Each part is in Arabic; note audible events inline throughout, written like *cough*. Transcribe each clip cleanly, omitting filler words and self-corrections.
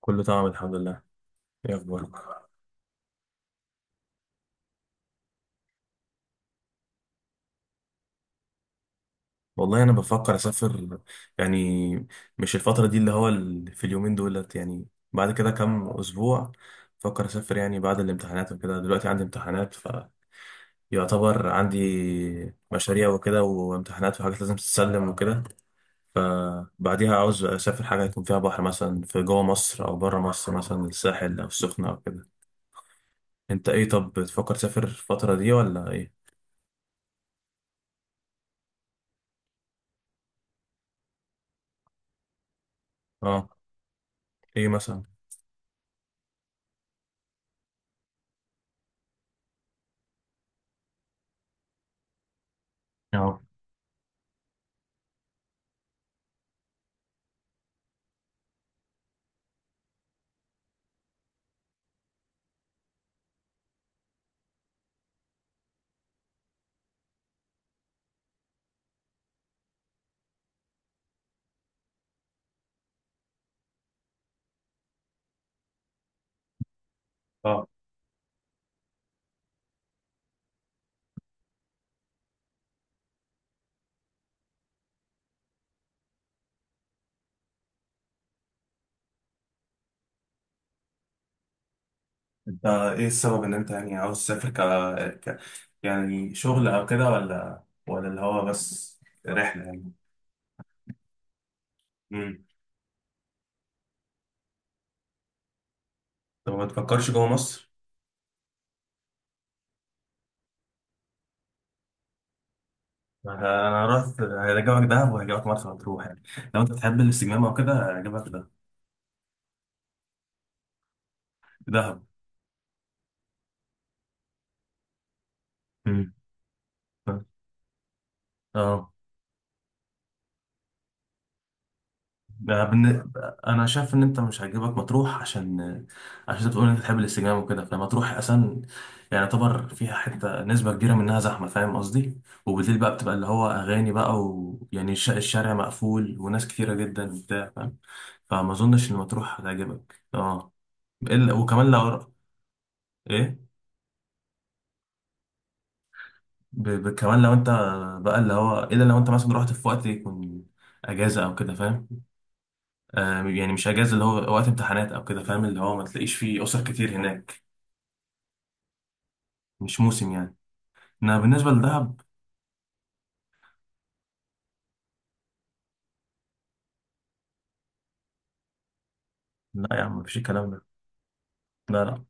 كله تمام الحمد لله. ايه اخبارك؟ والله انا بفكر اسافر يعني مش الفتره دي، اللي هو في اليومين دولت يعني بعد كده كام اسبوع. بفكر اسافر يعني بعد الامتحانات وكده. دلوقتي عندي امتحانات فيعتبر عندي مشاريع وكده وامتحانات وحاجات لازم تتسلم وكده. فبعديها عاوز اسافر حاجه يكون فيها بحر مثلا، في جوه مصر او بره مصر، مثلا الساحل او السخنه او كده. انت ايه؟ طب بتفكر تسافر الفتره دي ولا ايه؟ اه. ايه مثلا؟ اه. انت ايه السبب ان انت يعني عاوز تسافر ك... يعني شغل او كده ولا اللي هو بس رحلة يعني؟ امم. طب ما تفكرش جوه مصر؟ انا أنا رحت هرجعك دهب وهرجعك مرسى مطروح يعني. لو انت بتحب الاستجمام او كده هرجعك ده. دهب. مم. اه. بقى بالن- انا شايف ان انت مش هيعجبك مطروح، عشان عشان انت بتقول ان انت بتحب الاستجمام وكده. فمطروح اصلا يعني يعتبر فيها حته، نسبه كبيره منها زحمه، فاهم قصدي؟ وبالليل بقى بتبقى اللي هو اغاني بقى، ويعني الشارع مقفول وناس كتيره جدا وبتاع، فاهم؟ فما اظنش ان مطروح هتعجبك. اه. الا وكمان لو. ايه؟ كمان لو انت بقى اللي هو، الا لو انت مثلا رحت في وقت يكون اجازه او كده، فاهم؟ آه، يعني مش اجازه، اللي هو وقت امتحانات او كده، فاهم اللي هو ما تلاقيش فيه اسر كتير هناك. مش موسم يعني. انا بالنسبه لدهب. لا يا عم، مفيش الكلام ده. لا.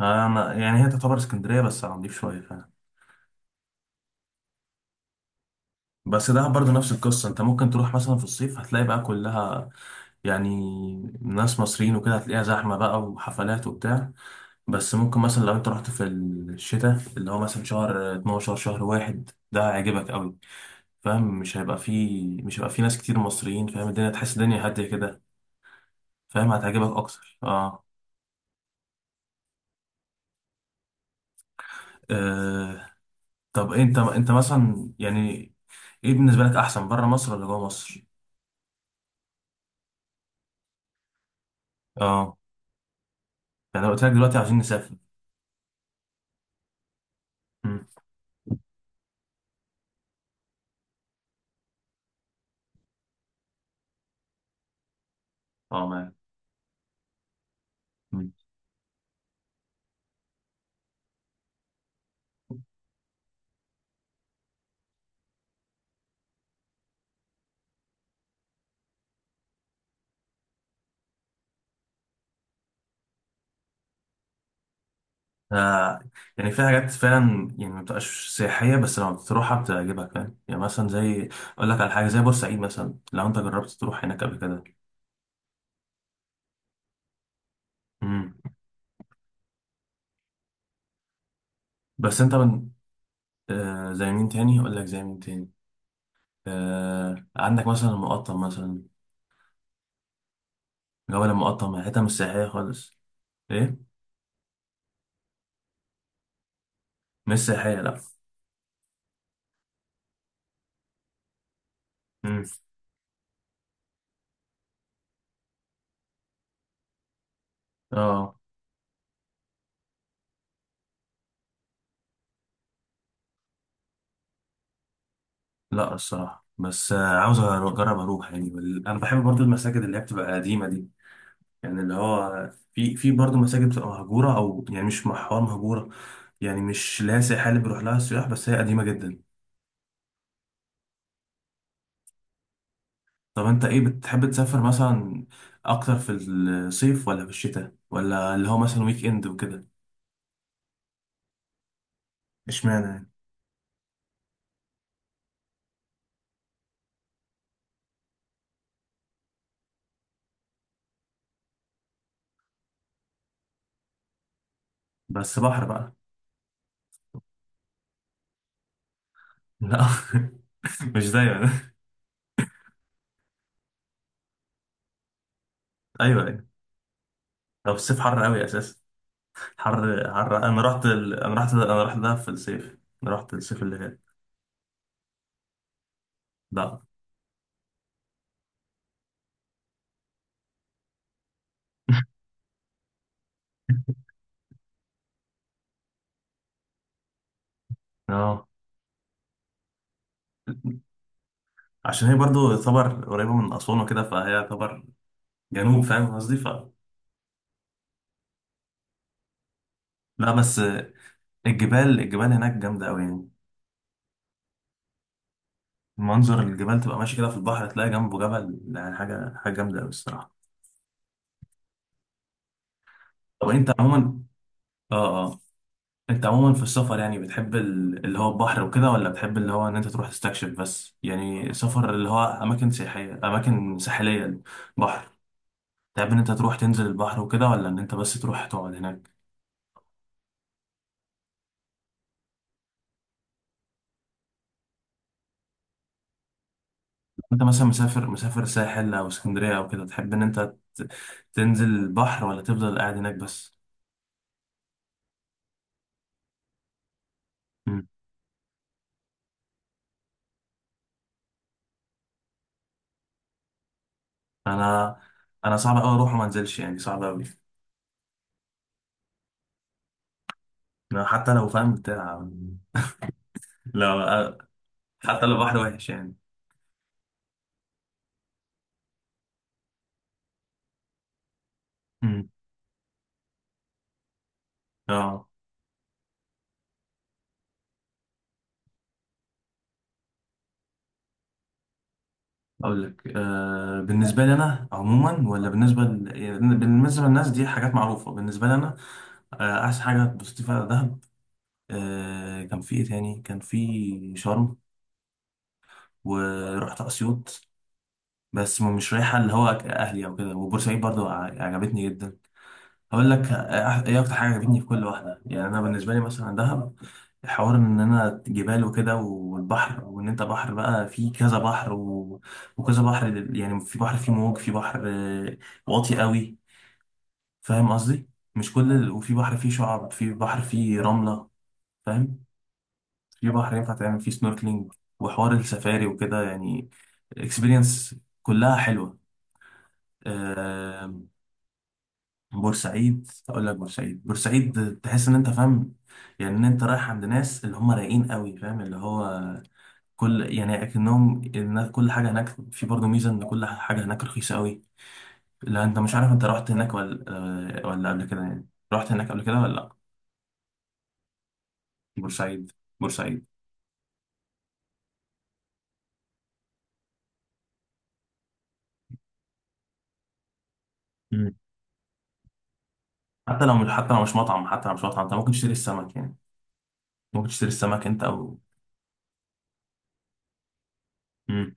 آه، انا يعني هي تعتبر اسكندريه بس على نضيف شويه، فاهم؟ بس دهب برضه نفس القصه. انت ممكن تروح مثلا في الصيف هتلاقي بقى كلها يعني ناس مصريين وكده، هتلاقيها زحمه بقى وحفلات وبتاع. بس ممكن مثلا لو انت رحت في الشتاء، اللي هو مثلا شهر 12 شهر واحد، ده هيعجبك قوي. فاهم؟ مش هيبقى فيه، مش هيبقى فيه ناس كتير مصريين، فاهم؟ الدنيا، تحس الدنيا هادية كده. فاهم، هتعجبك أكتر. اه. آه. طب أنت، أنت مثلا يعني إيه بالنسبة لك أحسن، بره مصر ولا جوه مصر؟ اه. يعني لو قلت لك دلوقتي عاوزين نسافر. مم. اه، معاك. مم. آه. يعني في حاجات فعلا يعني ما بتبقاش سياحية، بس لما بتروحها بتعجبك، فاهم يعني؟ مثلا زي، أقول لك على حاجة زي بورسعيد مثلا، لو أنت جربت تروح هناك قبل كده. مم. بس أنت من، آه زي مين تاني؟ أقول لك زي مين تاني، آه عندك مثلا المقطم مثلا. جبل المقطم هي حتة مش سياحية خالص. ايه، مش سياحية، لا. مم. اه. لا الصراحة، بس آه عاوز اجرب اروح يعني. انا بحب برضو المساجد اللي هي بتبقى قديمة دي، يعني اللي هو في في برضو مساجد بتبقى مهجورة، او يعني مش محور مهجورة، يعني مش لا سياحية اللي بيروح لها السياح، بس هي قديمة جدا. طب انت ايه، بتحب تسافر مثلا اكتر في الصيف ولا في الشتاء، ولا اللي هو مثلا ويك اند وكده؟ اشمعنى يعني؟ بس بحر بقى؟ لا. *laughs* مش دايما. *laughs* ايوه ايوه. هو في الصيف حر قوي اساسا. حر. حر. انا رحت انا رحت، انا رحت دهب في الصيف. انا رحت الصيف اللي فات. لا. *laughs* اه، عشان هي برضو تعتبر قريبه من اسوان وكده، فهي تعتبر جنوب فاهم قصدي ف. لا بس، الجبال هناك جامده قوي يعني. منظر الجبال، تبقى ماشي كده في البحر تلاقي جنبه جبل، يعني حاجه، حاجه جامده قوي الصراحه. طب انت عموما. اه. آه. انت عموما في السفر يعني بتحب اللي هو البحر وكده، ولا بتحب اللي هو ان انت تروح تستكشف بس، يعني سفر اللي هو اماكن سياحية، اماكن ساحلية، بحر؟ تحب ان انت تروح تنزل البحر وكده، ولا ان انت بس تروح تقعد هناك؟ انت مثلا مسافر ساحل او اسكندرية او كده، تحب ان انت تنزل البحر، ولا تفضل قاعد هناك بس؟ مم. انا، انا صعب قوي اروح وما انزلش يعني، صعب قوي. حتى لو فاهم بتاع. لا. حتى لو بحر وحش يعني. مم. اه. اقول لك، آه بالنسبه لي انا عموما، ولا بالنسبه يعني بالنسبه للناس دي حاجات معروفه، بالنسبه لي انا؟ آه، احسن حاجه اتبسطت فيها دهب. آه، كان في ايه تاني؟ كان في شرم. ورحت اسيوط، بس مش رايحه اللي هو اهلي او كده. وبورسعيد برضو عجبتني جدا. هقول لك ايه اكتر حاجه عجبتني في كل واحده. يعني انا بالنسبه لي مثلا دهب، حوار ان انا جبال وكده والبحر، وان انت بحر بقى، في كذا بحر و... وكذا بحر يعني في بحر فيه موج، في بحر آه، واطي قوي، فاهم قصدي؟ مش كل وفي بحر فيه شعاب، في بحر فيه رمله، فاهم؟ في بحر ينفع تعمل فيه سنوركلينج، وحوار السفاري وكده يعني، اكسبيرينس. كلها حلوه. آه. بورسعيد، اقول لك بورسعيد. بورسعيد تحس ان انت فاهم يعني ان انت رايح عند ناس اللي هم رايقين قوي، فاهم؟ اللي هو كل يعني اكنهم الناس. كل حاجه هناك في برضه ميزه ان كل حاجه هناك رخيصه قوي. لا انت مش عارف، انت رحت هناك ولا، ولا قبل كده؟ يعني رحت هناك قبل كده ولا لا؟ بورسعيد. بورسعيد. مم. حتى لو مش، حتى لو مش مطعم، حتى لو مش مطعم انت ممكن تشتري السمك يعني. ممكن تشتري السمك انت او. مم.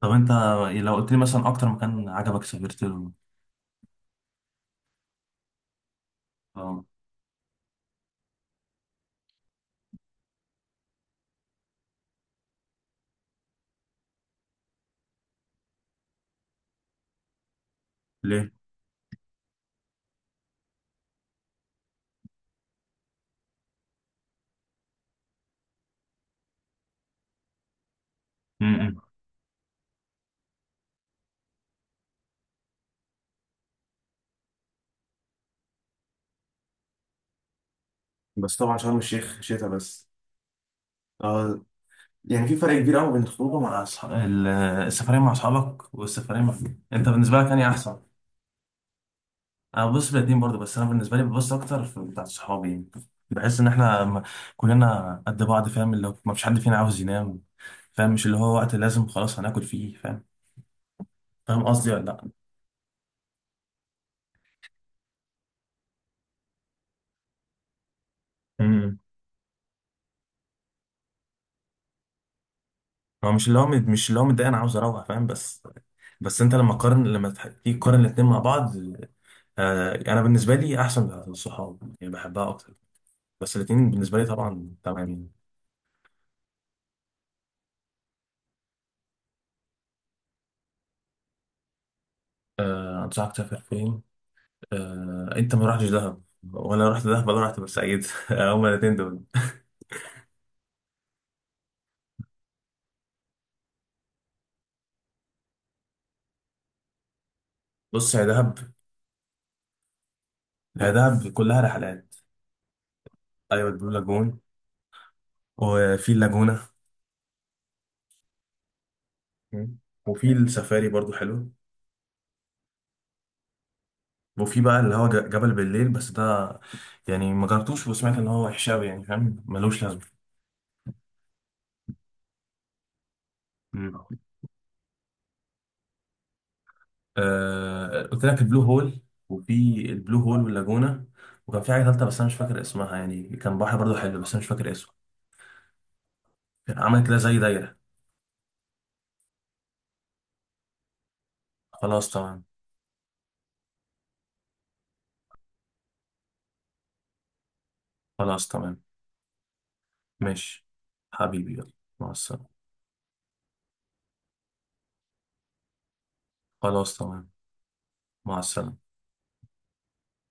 طب انت، لو قلت لي مثلا اكتر مكان عجبك سافرت له. اه. ليه؟ بس طبعا شرم الشيخ شتاء بس. اه. يعني في فرق كبير قوي بين الخروج مع اصحاب السفرية مع اصحابك، والسفرية مع. انت بالنسبة لك انهي احسن؟ انا ببص الاتنين برضو، بس انا بالنسبة لي ببص اكتر في بتاعت صحابي يعني. بحس ان احنا كلنا قد بعض، فاهم اللي هو ما فيش حد فينا عاوز ينام، فاهم؟ مش اللي هو وقت لازم خلاص هناكل فيه، فاهم؟ فاهم قصدي ولا لا؟ امم. هو مش اللي هو مش اللي هو متضايق، انا عاوز اروح فاهم بس، بس انت لما قارن، لما تيجي تقارن الاتنين مع بعض. آه، انا بالنسبه لي احسن بتاعت الصحاب يعني، بحبها اكتر. بس الاثنين بالنسبه لي طبعا تمام يعني. أه انصحك تسافر فين. أه، انت ما رحتش دهب، ولا رحت دهب ولا رحت بورسعيد؟ *laughs* هما الاثنين دول. بص يا دهب. يا دهب كلها رحلات. ايوه البلو لاجون. وفي اللاجونه. مم. وفي السفاري برضو حلو. وفي بقى اللي هو جبل بالليل، بس ده يعني ما جربتوش، وسمعت ان هو وحش أوي يعني، فاهم ملوش لازمه. مم. آه قلت لك البلو هول. وفي، البلو هول واللاجونة. وكان في حاجة تالتة بس أنا مش فاكر اسمها، يعني كان بحر برضو حلو، بس أنا مش فاكر اسمه. كان عمل كده زي دايرة. خلاص تمام. خلاص تمام. ماشي. حبيبي يلا، مع السلامة. خلاص تمام. مع السلامة.